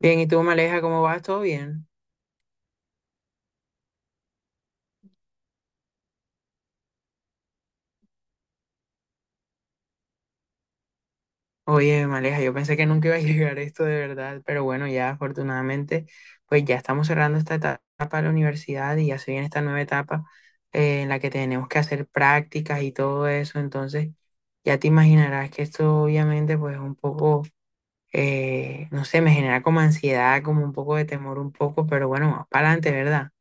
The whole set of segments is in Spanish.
Bien, ¿y tú, Maleja, cómo vas? ¿Todo bien? Oye, Maleja, yo pensé que nunca iba a llegar esto de verdad, pero bueno, ya afortunadamente, pues ya estamos cerrando esta etapa de la universidad y ya se viene esta nueva etapa en la que tenemos que hacer prácticas y todo eso. Entonces ya te imaginarás que esto obviamente pues un poco, no sé, me genera como ansiedad, como un poco de temor un poco, pero bueno, más para adelante, ¿verdad?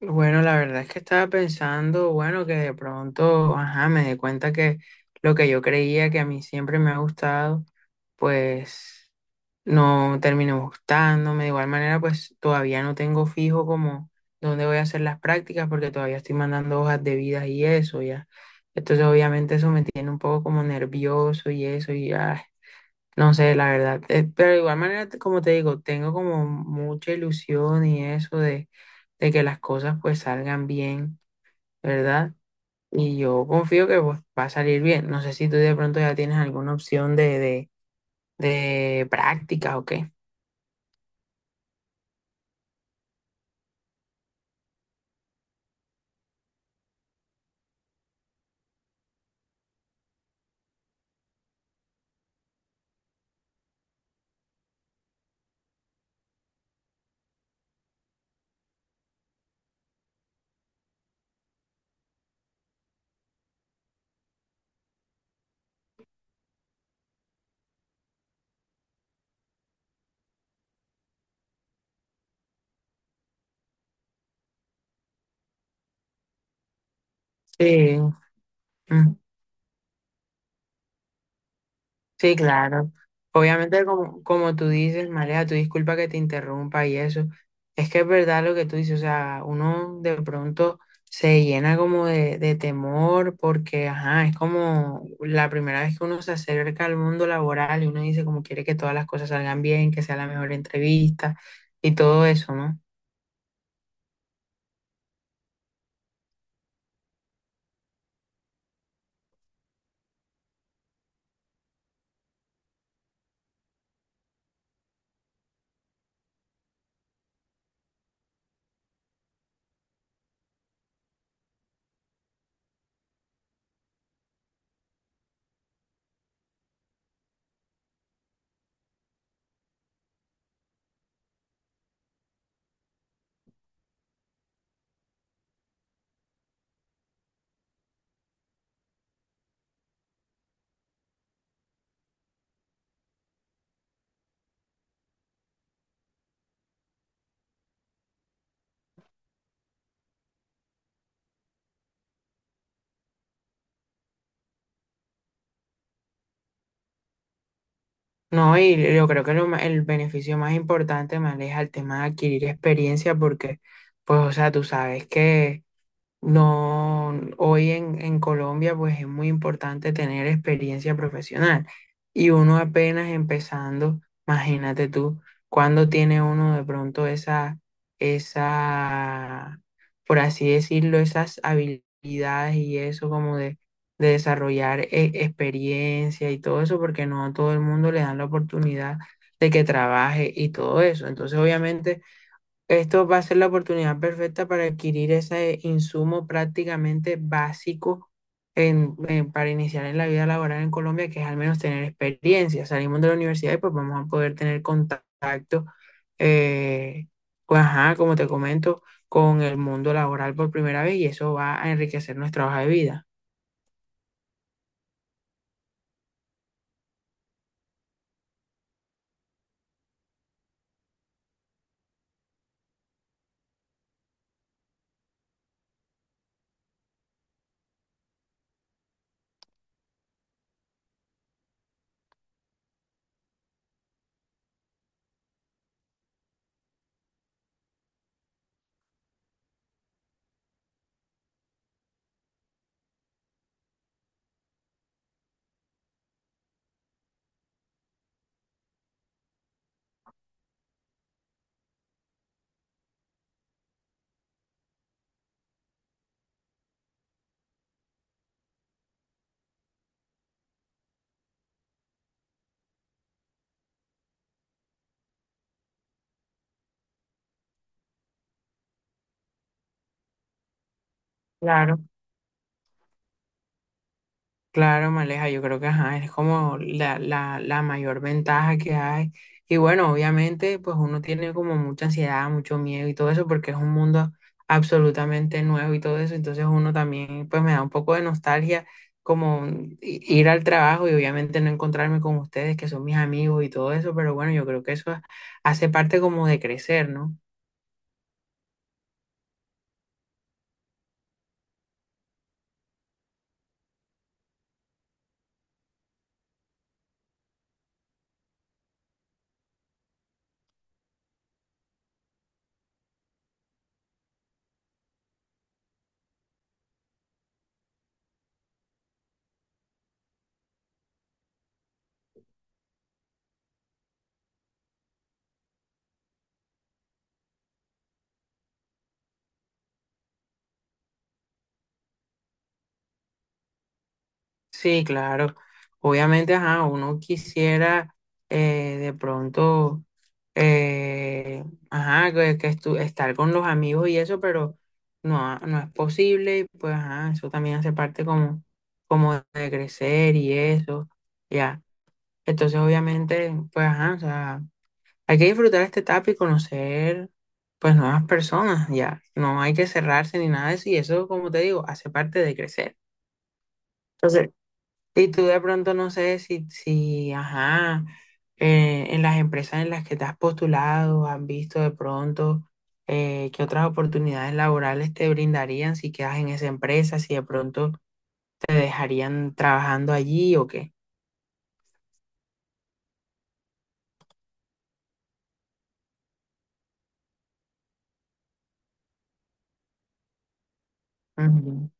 Bueno, la verdad es que estaba pensando, bueno, que de pronto, ajá, me di cuenta que lo que yo creía que a mí siempre me ha gustado, pues no terminó gustándome. De igual manera, pues todavía no tengo fijo como dónde voy a hacer las prácticas porque todavía estoy mandando hojas de vida y eso, ya. Entonces, obviamente eso me tiene un poco como nervioso y eso, y ya. No sé, la verdad. Pero de igual manera, como te digo, tengo como mucha ilusión y eso de que las cosas pues salgan bien, ¿verdad? Y yo confío que pues va a salir bien. No sé si tú de pronto ya tienes alguna opción de práctica o qué. Sí. Sí, claro. Obviamente, como, como tú dices, Marea, tu disculpa que te interrumpa y eso. Es que es verdad lo que tú dices, o sea, uno de pronto se llena como de temor porque, ajá, es como la primera vez que uno se acerca al mundo laboral y uno dice como quiere que todas las cosas salgan bien, que sea la mejor entrevista y todo eso, ¿no? No, y yo creo que el beneficio más importante, Marea, es el tema de adquirir experiencia porque, pues, o sea, tú sabes que no, hoy en Colombia pues es muy importante tener experiencia profesional y uno apenas empezando, imagínate tú, cuando tiene uno de pronto esa, por así decirlo, esas habilidades y eso como de desarrollar experiencia y todo eso, porque no a todo el mundo le dan la oportunidad de que trabaje y todo eso. Entonces, obviamente esto va a ser la oportunidad perfecta para adquirir ese insumo prácticamente básico para iniciar en la vida laboral en Colombia, que es al menos tener experiencia. Salimos de la universidad y pues vamos a poder tener contacto, eh, pues, ajá, como te comento, con el mundo laboral por primera vez y eso va a enriquecer nuestra hoja de vida. Claro. Claro, Maleja, yo creo que ajá, es como la mayor ventaja que hay. Y bueno, obviamente, pues uno tiene como mucha ansiedad, mucho miedo y todo eso, porque es un mundo absolutamente nuevo y todo eso. Entonces uno también, pues me da un poco de nostalgia como ir al trabajo y obviamente no encontrarme con ustedes, que son mis amigos y todo eso. Pero bueno, yo creo que eso hace parte como de crecer, ¿no? Sí, claro. Obviamente, ajá, uno quisiera de pronto, eh, ajá, que estar con los amigos y eso, pero no, no es posible. Y pues, ajá, eso también hace parte como, como de crecer y eso, ya. Entonces, obviamente, pues, ajá, o sea, hay que disfrutar esta etapa y conocer, pues, nuevas personas, ya. No hay que cerrarse ni nada de eso y eso, como te digo, hace parte de crecer. Entonces, y tú de pronto no sé si, si, ajá, en las empresas en las que te has postulado, has visto de pronto qué otras oportunidades laborales te brindarían si quedas en esa empresa, si de pronto te dejarían trabajando allí o qué. Ujú.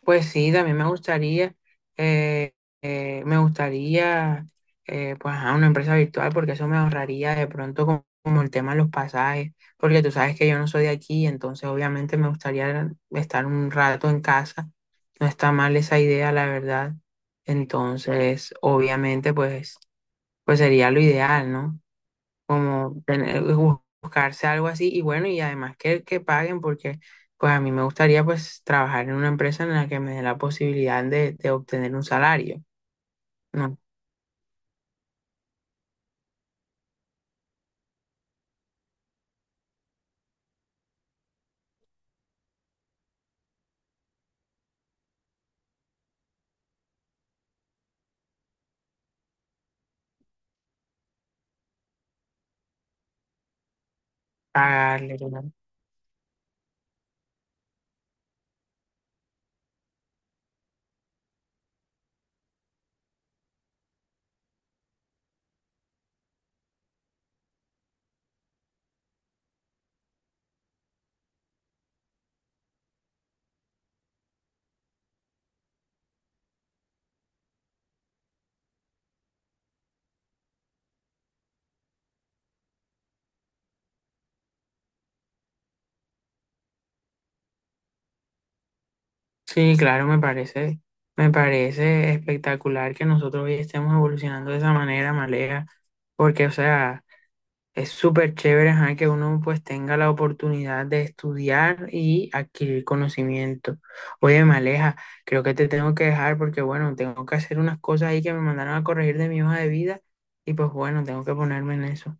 Pues sí, también eh, me gustaría, pues, a una empresa virtual, porque eso me ahorraría de pronto como, como el tema de los pasajes, porque tú sabes que yo no soy de aquí, entonces obviamente me gustaría estar un rato en casa. No está mal esa idea, la verdad. Entonces, obviamente, pues sería lo ideal, ¿no? Como buscarse algo así y bueno, y además que paguen porque pues a mí me gustaría pues trabajar en una empresa en la que me dé la posibilidad de obtener un salario, no pagarle. ¿No? Sí, claro, me parece espectacular que nosotros hoy estemos evolucionando de esa manera, Malea, porque o sea... Es súper chévere, ajá, que uno pues tenga la oportunidad de estudiar y adquirir conocimiento. Oye, Maleja, creo que te tengo que dejar porque bueno, tengo que hacer unas cosas ahí que me mandaron a corregir de mi hoja de vida y pues bueno, tengo que ponerme en eso.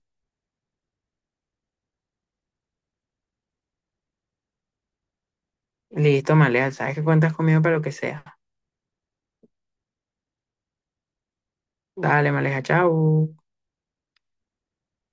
Listo, Maleja, sabes que cuentas conmigo para lo que sea. Dale, Maleja, chao.